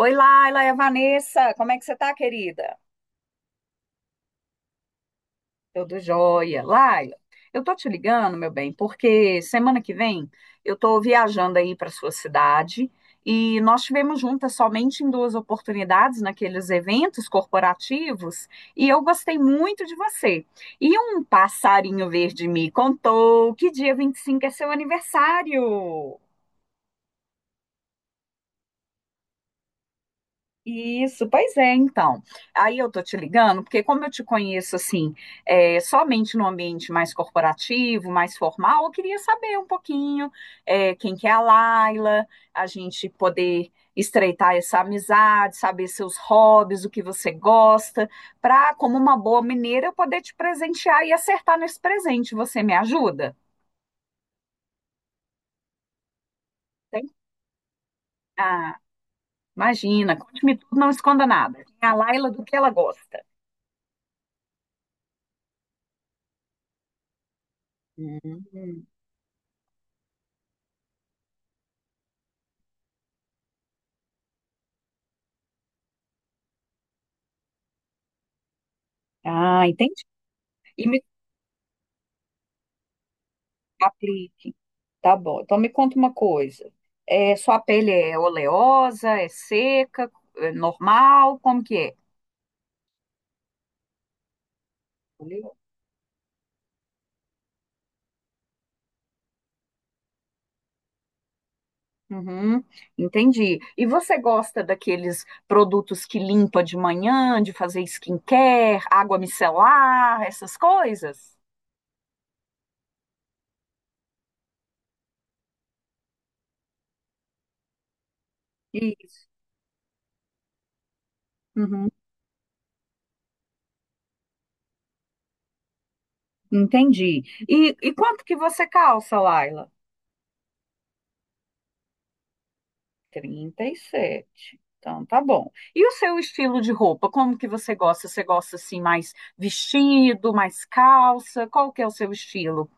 Oi, Laila, é a Vanessa. Como é que você tá, querida? Tudo jóia. Laila, eu tô te ligando, meu bem, porque semana que vem eu tô viajando aí para sua cidade e nós tivemos juntas somente em duas oportunidades naqueles eventos corporativos e eu gostei muito de você. E um passarinho verde me contou que dia 25 é seu aniversário. Isso, pois é, então. Aí eu tô te ligando, porque como eu te conheço assim, somente no ambiente mais corporativo, mais formal, eu queria saber um pouquinho, quem que é a Laila, a gente poder estreitar essa amizade, saber seus hobbies, o que você gosta, para, como uma boa mineira, eu poder te presentear e acertar nesse presente. Você me ajuda? Tem? Ah, imagina, conte-me tudo, não esconda nada. Quem é a Laila do que ela gosta? Hum. Ah, entendi. E me apli, tá bom. Então me conta uma coisa. Sua pele é oleosa, é seca, é normal? Como que é? Oleosa. Uhum, entendi. E você gosta daqueles produtos que limpa de manhã, de fazer skincare, água micelar, essas coisas? Isso. Uhum, entendi. E quanto que você calça, Laila? 37, então, tá bom. E o seu estilo de roupa? Como que você gosta? Você gosta assim mais vestido, mais calça? Qual que é o seu estilo?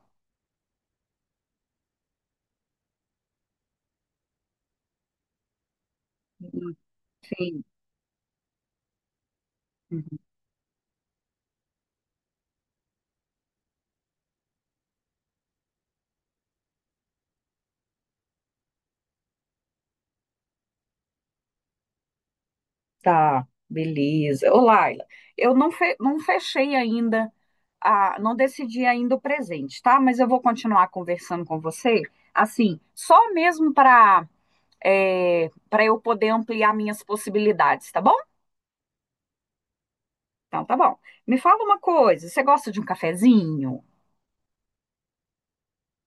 Hum. Sim. Uhum. Tá, beleza. Ô, Laila, eu não, fe- não fechei ainda, não decidi ainda o presente, tá? Mas eu vou continuar conversando com você, assim, só mesmo para eu poder ampliar minhas possibilidades, tá bom? Então, tá bom. Me fala uma coisa, você gosta de um cafezinho?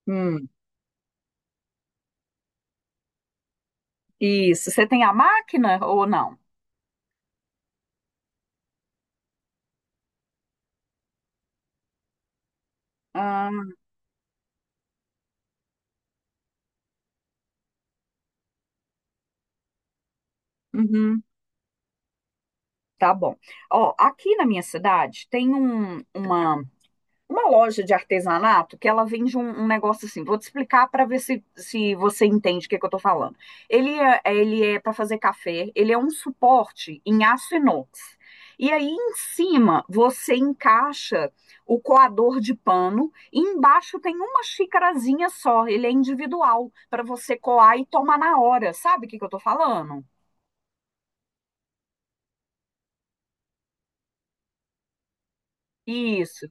Hum, isso. Você tem a máquina ou não? Ah, uhum, tá bom. Ó, aqui na minha cidade tem uma loja de artesanato que ela vende um negócio assim. Vou te explicar para ver se você entende que eu estou falando. Ele é para fazer café, ele é um suporte em aço inox. E aí em cima você encaixa o coador de pano e embaixo tem uma xicarazinha só, ele é individual para você coar e tomar na hora. Sabe que eu estou falando? Isso.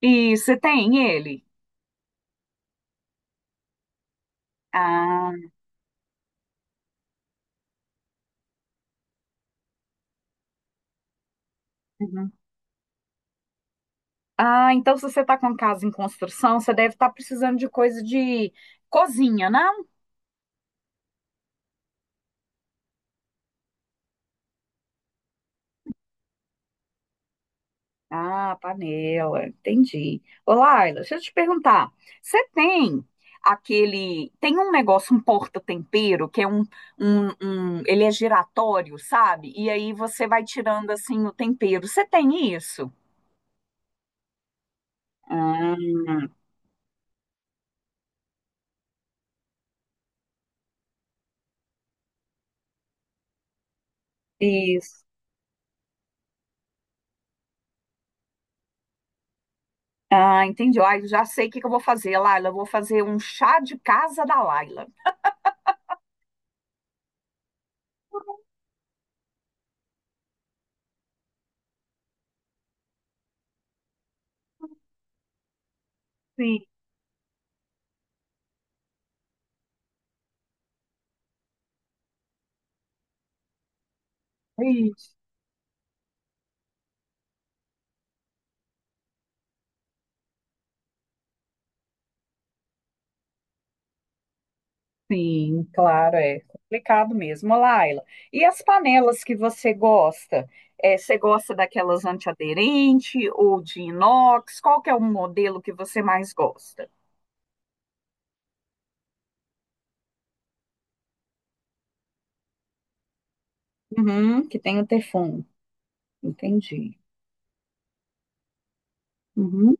Isso, você tem ele. Ah, uhum. Ah, então se você está com casa em construção, você deve estar precisando de coisa de cozinha, não? Ah, panela, entendi. Ô, Laila, deixa eu te perguntar. Você tem aquele. Tem um negócio, um porta-tempero, que é um, um, um. Ele é giratório, sabe? E aí você vai tirando assim o tempero. Você tem isso? Ah, isso. Ah, entendi. Ai, eu já sei o que que eu vou fazer, Laila. Eu vou fazer um chá de casa da Laila. Sim. Isso. Sim, claro, é complicado mesmo. Ô, Laila, e as panelas que você gosta? Você gosta daquelas antiaderente ou de inox? Qual que é o modelo que você mais gosta? Uhum, que tem o Teflon, entendi. Uhum,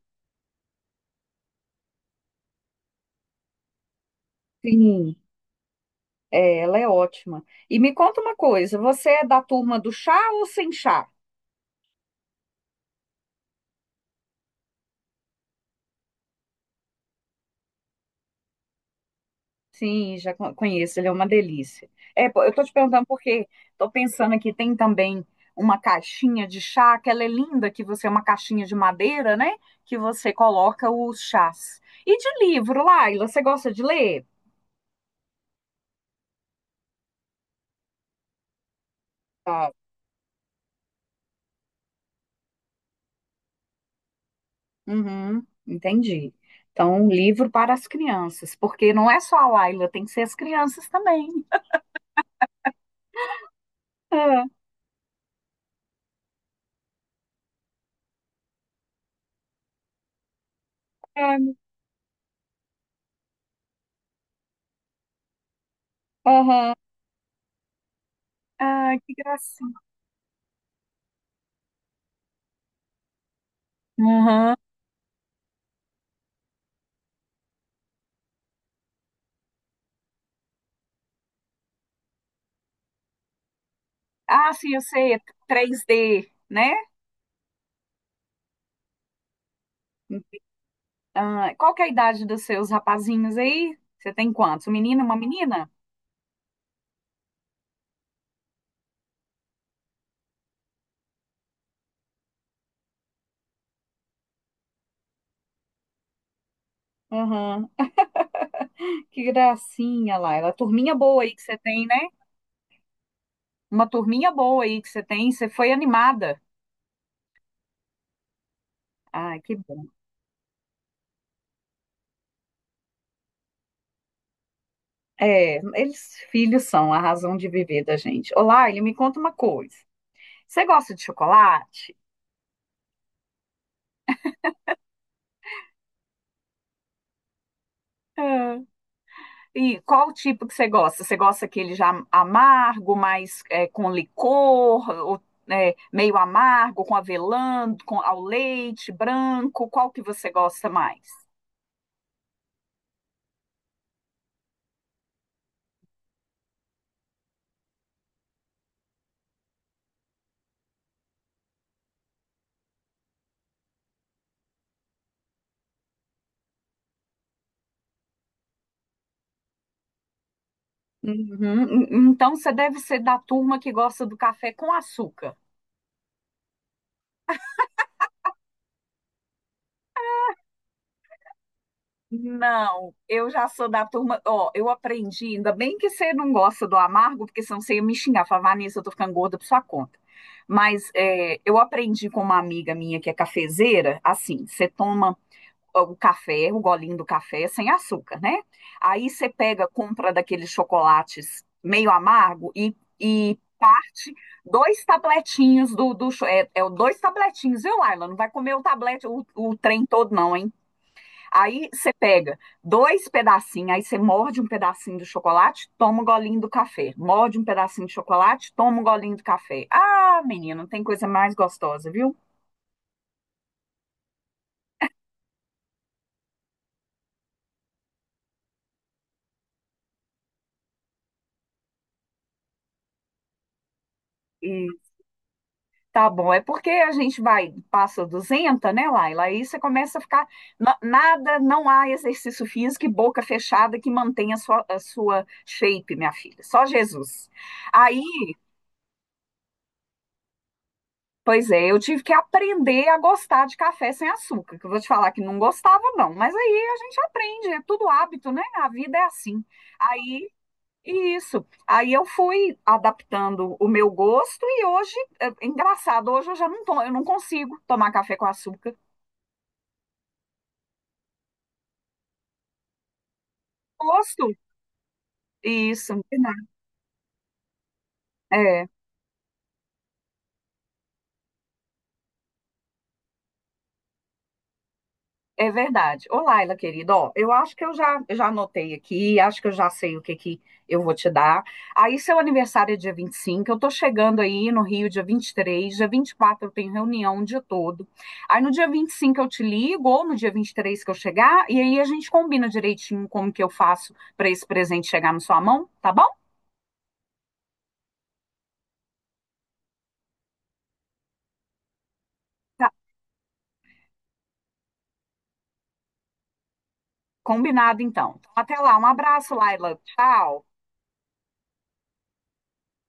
sim, ela é ótima. E me conta uma coisa, você é da turma do chá ou sem chá? Sim, conheço, ele é uma delícia. Pô, eu tô te perguntando porque tô pensando aqui, tem também uma caixinha de chá, aquela é linda que você é uma caixinha de madeira, né? Que você coloca os chás. E de livro, Laila, você gosta de ler? Tá. Uhum, entendi. Então, um livro para as crianças, porque não é só a Laila, tem que ser as crianças também. Ah, ah, aham. Ah, que gracinha. Aham. Ah, sim, eu sei, é 3D, né? Ah, qual que é a idade dos seus rapazinhos aí? Você tem quantos? Um menino e uma menina? Aham. Que gracinha, Laila. Turminha boa aí que você tem, né? Uma turminha boa aí que você tem. Você foi animada. Ai, que bom. É, eles filhos são a razão de viver da gente. Ô, Laila, me conta uma coisa. Você gosta de chocolate? Ah. E qual o tipo que você gosta? Você gosta aquele já amargo, mais com licor, ou, meio amargo, com avelã, com ao leite, branco? Qual que você gosta mais? Uhum. Então você deve ser da turma que gosta do café com açúcar. Não, eu já sou da turma. Ó, eu aprendi, ainda bem que você não gosta do amargo, porque senão você ia me xingar, falar, Vanessa, eu tô ficando gorda por sua conta. Mas eu aprendi com uma amiga minha que é cafezeira, assim, você toma o café, o golinho do café é sem açúcar, né? Aí você pega, compra daqueles chocolates meio amargo e parte dois tabletinhos do, do cho- é, é o dois tabletinhos, viu, Laila? Não vai comer o tablete, o trem todo, não, hein? Aí você pega dois pedacinhos, aí você morde um pedacinho do chocolate, toma um golinho do café. Morde um pedacinho de chocolate, toma um golinho do café. Ah, menino, não tem coisa mais gostosa, viu? E Tá bom, é porque a gente vai, passa 200, né, Laila? Aí você começa a ficar. Nada, não há exercício físico e boca fechada que mantenha a sua shape, minha filha. Só Jesus. Aí, pois é, eu tive que aprender a gostar de café sem açúcar, que eu vou te falar que não gostava, não. Mas aí a gente aprende, é tudo hábito, né? A vida é assim. Aí. Isso. Aí eu fui adaptando o meu gosto e hoje, é engraçado, hoje eu não consigo tomar café com açúcar. Gosto Isso, é, é verdade. Ô, Laila, querida, ó, eu acho que eu já anotei aqui, acho que eu já sei o que que eu vou te dar. Aí, seu aniversário é dia 25, eu tô chegando aí no Rio dia 23, dia 24 eu tenho reunião o dia todo. Aí, no dia 25 eu te ligo, ou no dia 23 que eu chegar, e aí a gente combina direitinho como que eu faço para esse presente chegar na sua mão, tá bom? Tá, combinado então. Então, até lá, um abraço, Laila, tchau.